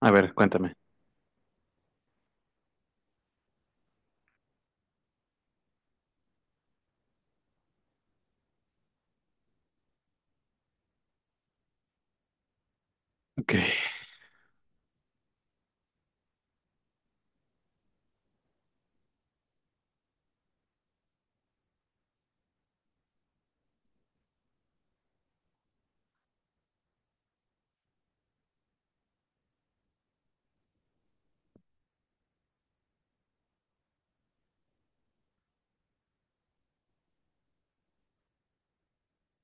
A ver, cuéntame. Ok.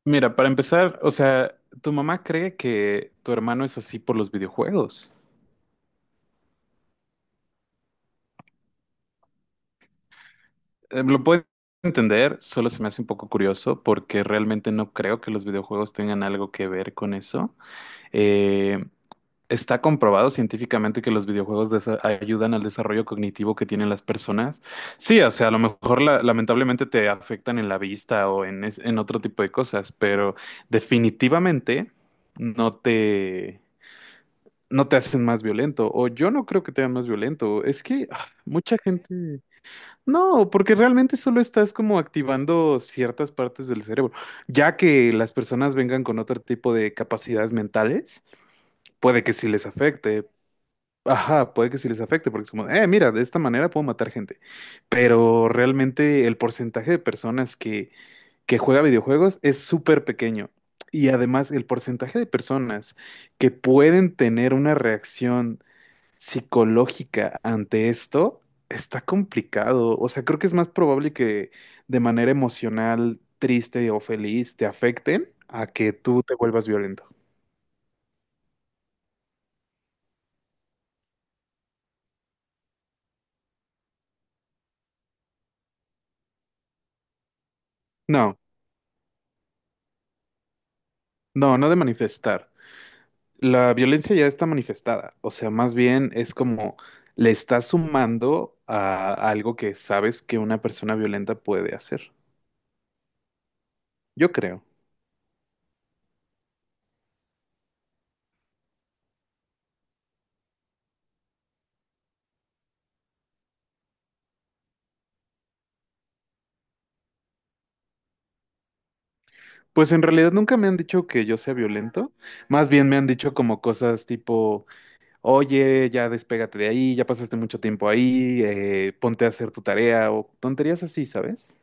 Mira, para empezar, o sea, tu mamá cree que tu hermano es así por los videojuegos. Lo puedo entender, solo se me hace un poco curioso porque realmente no creo que los videojuegos tengan algo que ver con eso. Eh, Está comprobado científicamente que los videojuegos ayudan al desarrollo cognitivo que tienen las personas. Sí, o sea, a lo mejor lamentablemente te afectan en la vista o en otro tipo de cosas, pero definitivamente no te... no te hacen más violento, o yo no creo que te hagan más violento, es que mucha gente, no, porque realmente solo estás como activando ciertas partes del cerebro, ya que las personas vengan con otro tipo de capacidades mentales, puede que sí les afecte, ajá, puede que sí les afecte, porque es como, mira, de esta manera puedo matar gente, pero realmente el porcentaje de personas que juega videojuegos es súper pequeño. Y además el porcentaje de personas que pueden tener una reacción psicológica ante esto, está complicado. O sea, creo que es más probable que de manera emocional, triste o feliz te afecten a que tú te vuelvas violento. No, no, no de manifestar. La violencia ya está manifestada. O sea, más bien es como le estás sumando a algo que sabes que una persona violenta puede hacer. Yo creo. Pues en realidad nunca me han dicho que yo sea violento. Más bien me han dicho como cosas tipo... Oye, ya despégate de ahí, ya pasaste mucho tiempo ahí, ponte a hacer tu tarea o tonterías así, ¿sabes?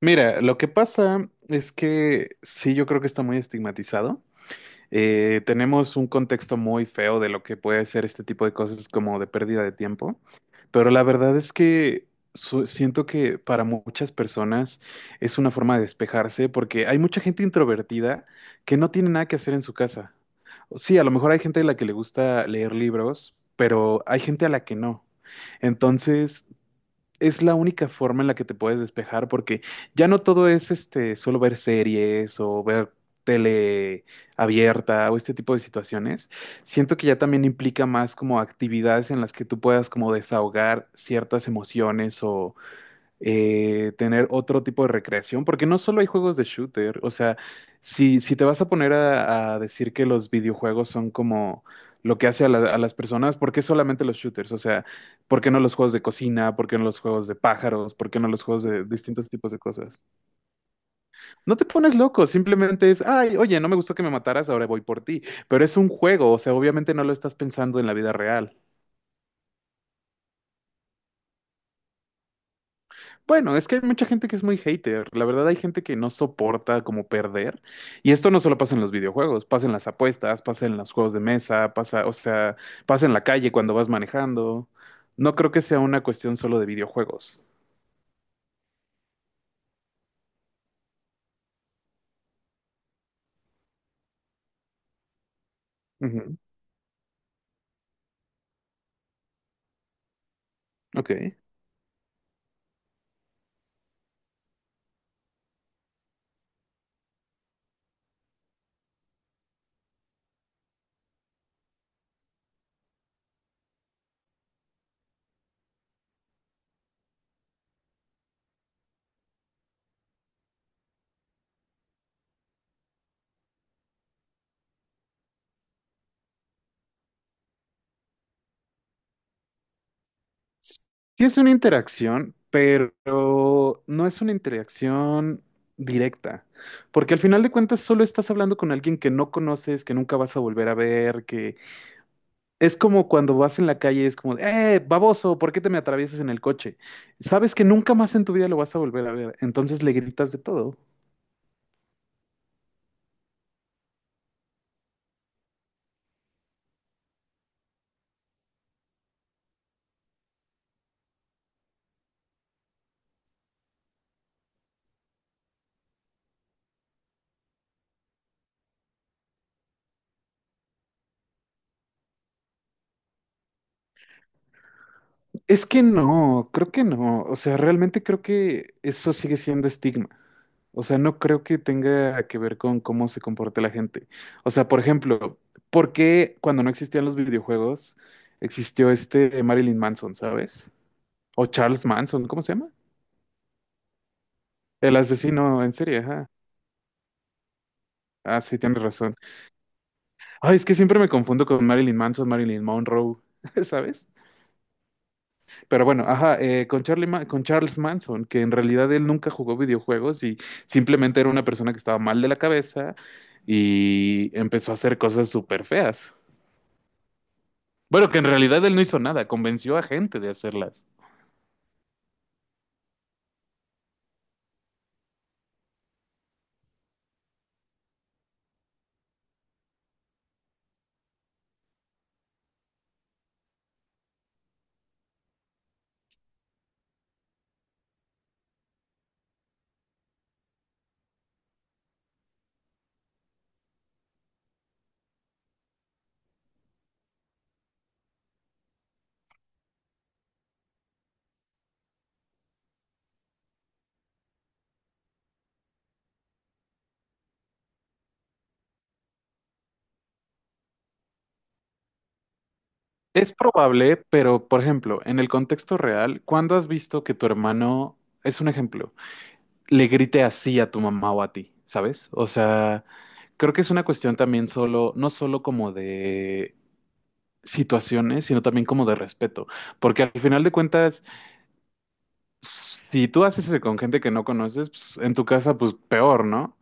Mira, lo que pasa es que sí, yo creo que está muy estigmatizado. Tenemos un contexto muy feo de lo que puede ser este tipo de cosas como de pérdida de tiempo. Pero la verdad es que siento que para muchas personas es una forma de despejarse porque hay mucha gente introvertida que no tiene nada que hacer en su casa. Sí, a lo mejor hay gente a la que le gusta leer libros, pero hay gente a la que no. Entonces, es la única forma en la que te puedes despejar porque ya no todo es este solo ver series o ver tele abierta o este tipo de situaciones. Siento que ya también implica más como actividades en las que tú puedas como desahogar ciertas emociones o tener otro tipo de recreación, porque no solo hay juegos de shooter, o sea, si te vas a poner a decir que los videojuegos son como lo que hace a las personas, ¿por qué solamente los shooters? O sea, ¿por qué no los juegos de cocina? ¿Por qué no los juegos de pájaros? ¿Por qué no los juegos de distintos tipos de cosas? No te pones loco, simplemente es, ay, oye, no me gustó que me mataras, ahora voy por ti, pero es un juego, o sea, obviamente no lo estás pensando en la vida real. Bueno, es que hay mucha gente que es muy hater. La verdad, hay gente que no soporta como perder. Y esto no solo pasa en los videojuegos, pasa en las apuestas, pasa en los juegos de mesa, pasa, o sea, pasa en la calle cuando vas manejando. No creo que sea una cuestión solo de videojuegos. Ujú. Ok. Sí es una interacción, pero no es una interacción directa. Porque al final de cuentas solo estás hablando con alguien que no conoces, que nunca vas a volver a ver. Es como cuando vas en la calle y es como, baboso, ¿por qué te me atraviesas en el coche? Sabes que nunca más en tu vida lo vas a volver a ver, entonces le gritas de todo. Es que no, creo que no, o sea, realmente creo que eso sigue siendo estigma. O sea, no creo que tenga que ver con cómo se comporta la gente. O sea, por ejemplo, ¿por qué cuando no existían los videojuegos existió este Marilyn Manson, ¿sabes? O Charles Manson, ¿cómo se llama? El asesino en serie, ajá. Ah, sí, tienes razón. Ay, es que siempre me confundo con Marilyn Manson, Marilyn Monroe, ¿sabes? Pero bueno, ajá, con con Charles Manson, que en realidad él nunca jugó videojuegos y simplemente era una persona que estaba mal de la cabeza y empezó a hacer cosas súper feas. Bueno, que en realidad él no hizo nada, convenció a gente de hacerlas. Es probable, pero por ejemplo, en el contexto real, ¿cuándo has visto que tu hermano, es un ejemplo, le grite así a tu mamá o a ti, ¿sabes? O sea, creo que es una cuestión también solo, no solo como de situaciones, sino también como de respeto, porque al final de cuentas, si tú haces eso con gente que no conoces, pues, en tu casa, pues peor, ¿no?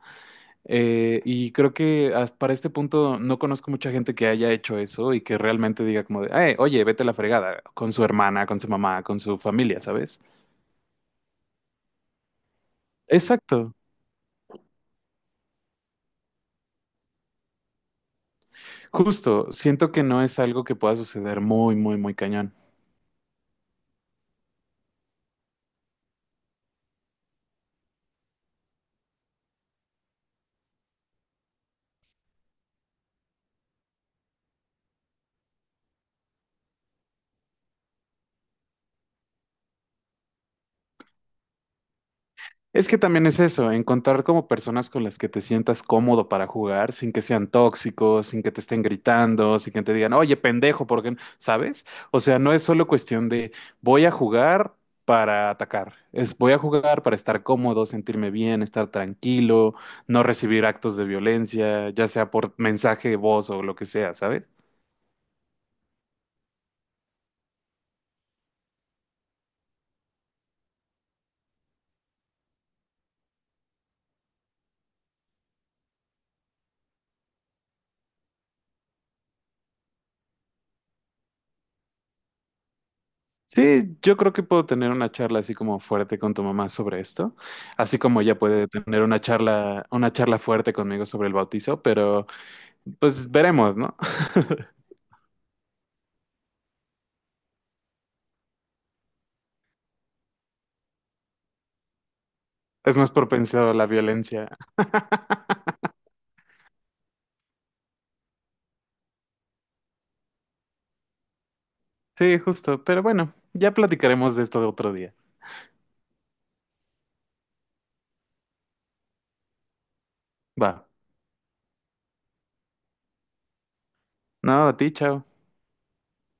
Y creo que hasta para este punto no conozco mucha gente que haya hecho eso y que realmente diga como de, "Ay, oye, vete a la fregada con su hermana, con su mamá, con su familia, ¿sabes? Exacto, justo, siento que no es algo que pueda suceder muy, muy, muy cañón. Es que también es eso, encontrar como personas con las que te sientas cómodo para jugar, sin que sean tóxicos, sin que te estén gritando, sin que te digan, oye, pendejo, ¿por qué no?", ¿Sabes? O sea, no es solo cuestión de voy a jugar para atacar, es voy a jugar para estar cómodo, sentirme bien, estar tranquilo, no recibir actos de violencia, ya sea por mensaje, voz o lo que sea, ¿sabes? Sí, yo creo que puedo tener una charla así como fuerte con tu mamá sobre esto, así como ella puede tener una charla, fuerte conmigo sobre el bautizo, pero pues veremos, ¿no? Es más propenso a la violencia. Sí, justo, pero bueno, ya platicaremos de esto de otro día. Va. No, a ti, chao.